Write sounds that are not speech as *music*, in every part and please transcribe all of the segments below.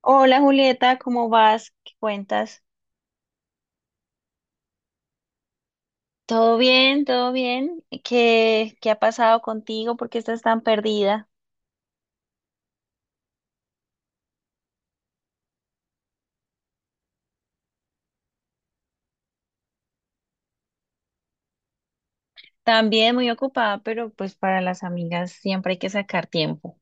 Hola Julieta, ¿cómo vas? ¿Qué cuentas? ¿Todo bien? ¿Todo bien? ¿Qué ha pasado contigo? ¿Por qué estás tan perdida? También muy ocupada, pero pues para las amigas siempre hay que sacar tiempo.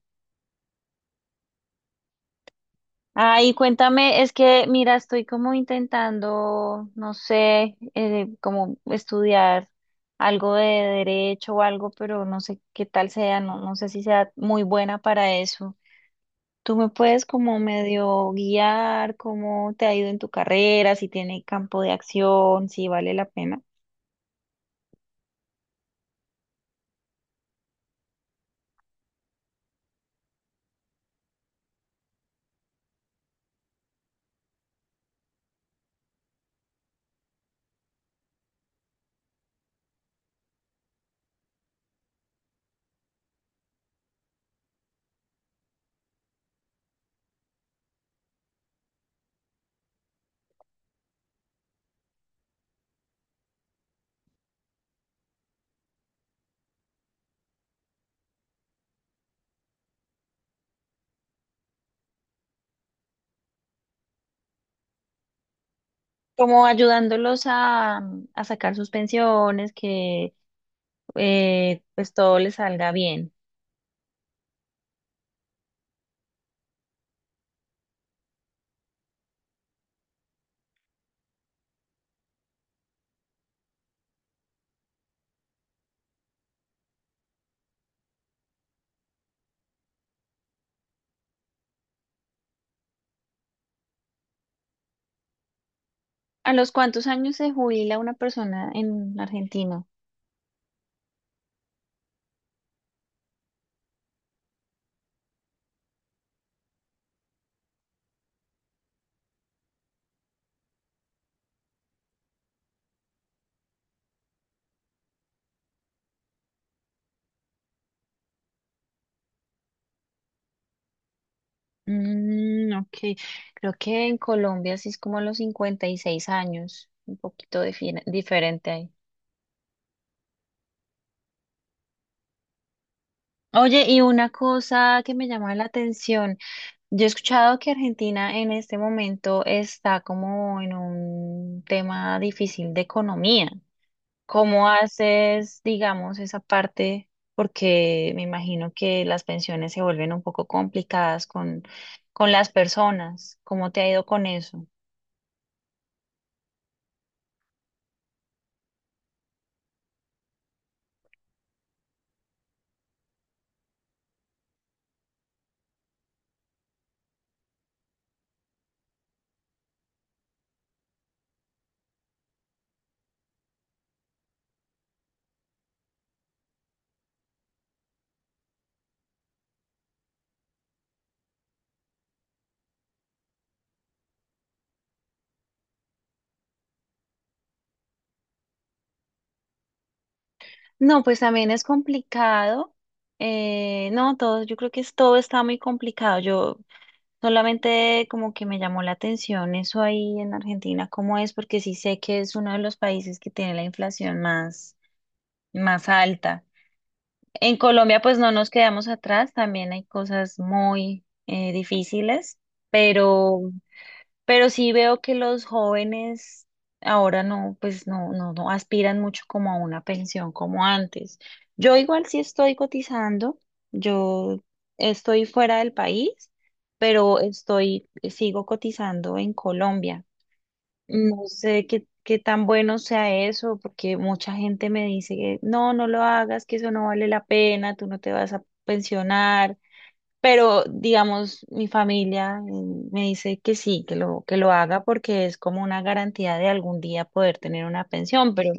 Ay, cuéntame, es que mira, estoy como intentando, no sé, como estudiar algo de derecho o algo, pero no sé qué tal sea, no, no sé si sea muy buena para eso. Tú me puedes como medio guiar cómo te ha ido en tu carrera, si tiene campo de acción, si vale la pena. Como ayudándolos a sacar sus pensiones, que pues todo les salga bien. ¿A los cuántos años se jubila una persona en Argentina? Mm, ok, creo que en Colombia sí es como a los 56 años, un poquito diferente ahí. Oye, y una cosa que me llama la atención. Yo he escuchado que Argentina en este momento está como en un tema difícil de economía. ¿Cómo haces, digamos, esa parte? Porque me imagino que las pensiones se vuelven un poco complicadas con las personas. ¿Cómo te ha ido con eso? No, pues también es complicado. No, todo, yo creo que es, todo está muy complicado. Yo solamente como que me llamó la atención eso ahí en Argentina, cómo es, porque sí sé que es uno de los países que tiene la inflación más, más alta. En Colombia pues no nos quedamos atrás, también hay cosas muy difíciles, pero pero sí veo que los jóvenes ahora no, pues no, no, no aspiran mucho como a una pensión como antes. Yo igual sí estoy cotizando, yo estoy fuera del país, pero estoy, sigo cotizando en Colombia. No sé qué, qué tan bueno sea eso, porque mucha gente me dice que no, no lo hagas, que eso no vale la pena, tú no te vas a pensionar. Pero, digamos, mi familia me dice que sí, que lo haga porque es como una garantía de algún día poder tener una pensión,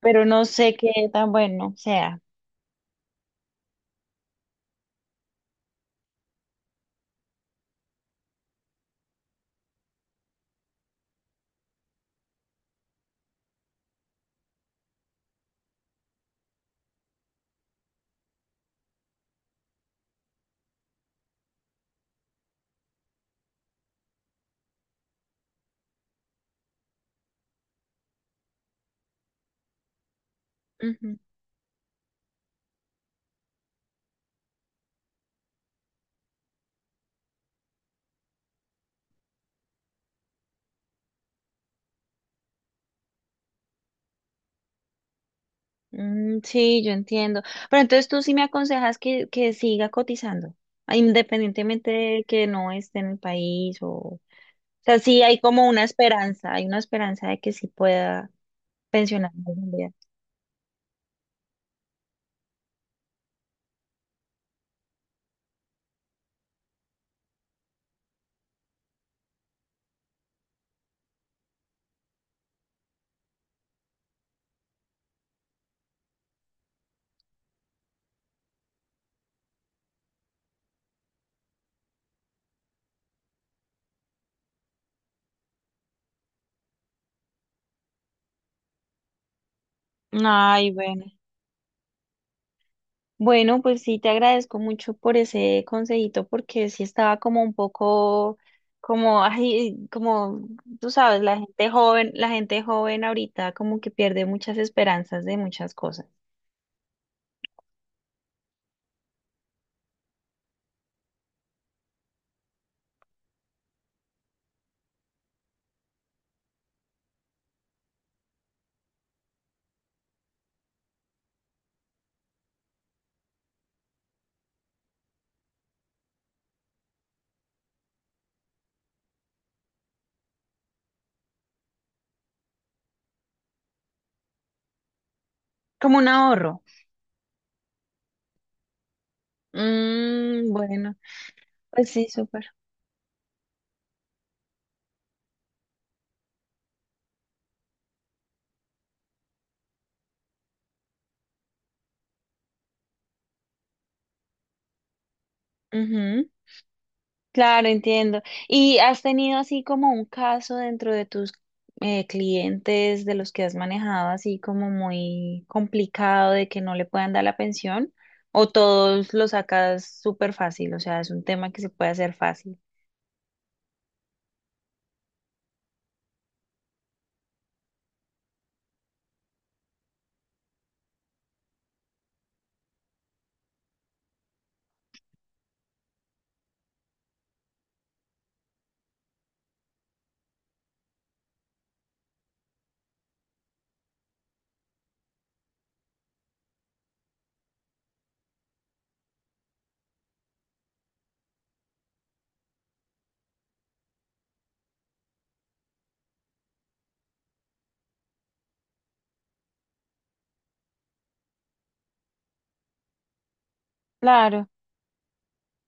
pero no sé qué tan bueno sea. Ujú. Mm, sí, yo entiendo. Pero entonces tú sí me aconsejas que siga cotizando, ah, independientemente de que no esté en el país o... O sea, sí hay como una esperanza, hay una esperanza de que sí pueda pensionarme algún día. Ay, bueno. Bueno, pues sí, te agradezco mucho por ese consejito, porque sí estaba como un poco, como, ay, como tú sabes, la gente joven ahorita como que pierde muchas esperanzas de muchas cosas, como un ahorro. Mm, bueno, pues sí, súper. Claro, entiendo. ¿Y has tenido así como un caso dentro de tus clientes de los que has manejado así como muy complicado de que no le puedan dar la pensión? ¿O todos lo sacas súper fácil? O sea, es un tema que se puede hacer fácil. Claro,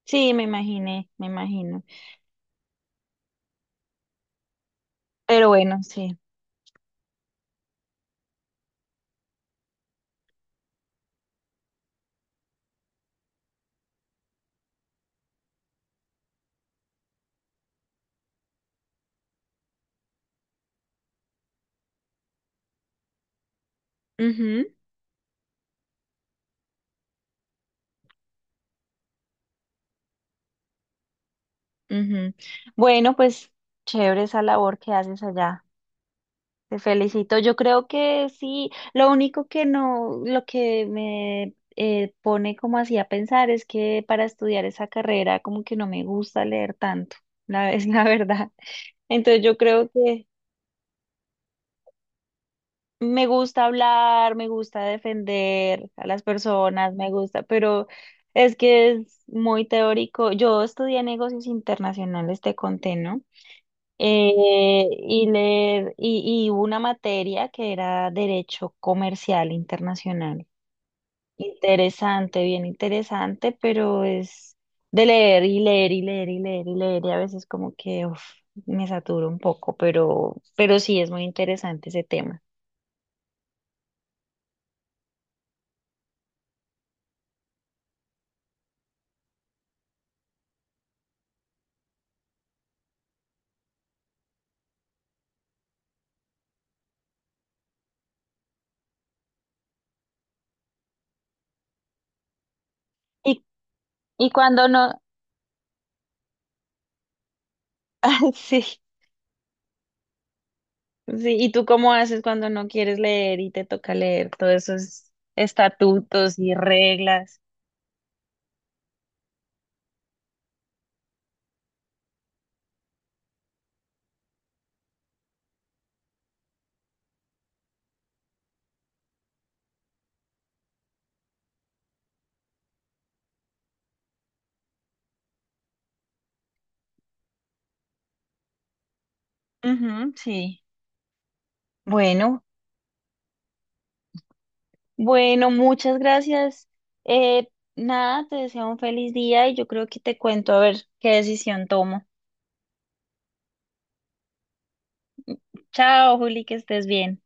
sí, me imaginé, me imagino. Pero bueno, sí. Ujú, ujú. Bueno, pues chévere esa labor que haces allá. Te felicito. Yo creo que sí. Lo único que no, lo que me pone como así a pensar es que para estudiar esa carrera como que no me gusta leer tanto, la, es *laughs* la verdad. Entonces yo creo que me gusta hablar, me gusta defender a las personas, me gusta, pero es que es muy teórico. Yo estudié negocios internacionales, te conté, ¿no? Y leer, y una materia que era Derecho Comercial Internacional. Interesante, bien interesante, pero es de leer y leer y leer y leer y leer, y a veces como que uf, me saturo un poco, pero sí es muy interesante ese tema. Y, y cuando no, *laughs* ah, sí, sí, ¿y tú cómo haces cuando no quieres leer y te toca leer todos esos estatutos y reglas? Ujú, sí. Bueno, bueno, muchas gracias. Eh, nada, te deseo un feliz día y yo creo que te cuento a ver qué decisión tomo. Chao, Juli, que estés bien.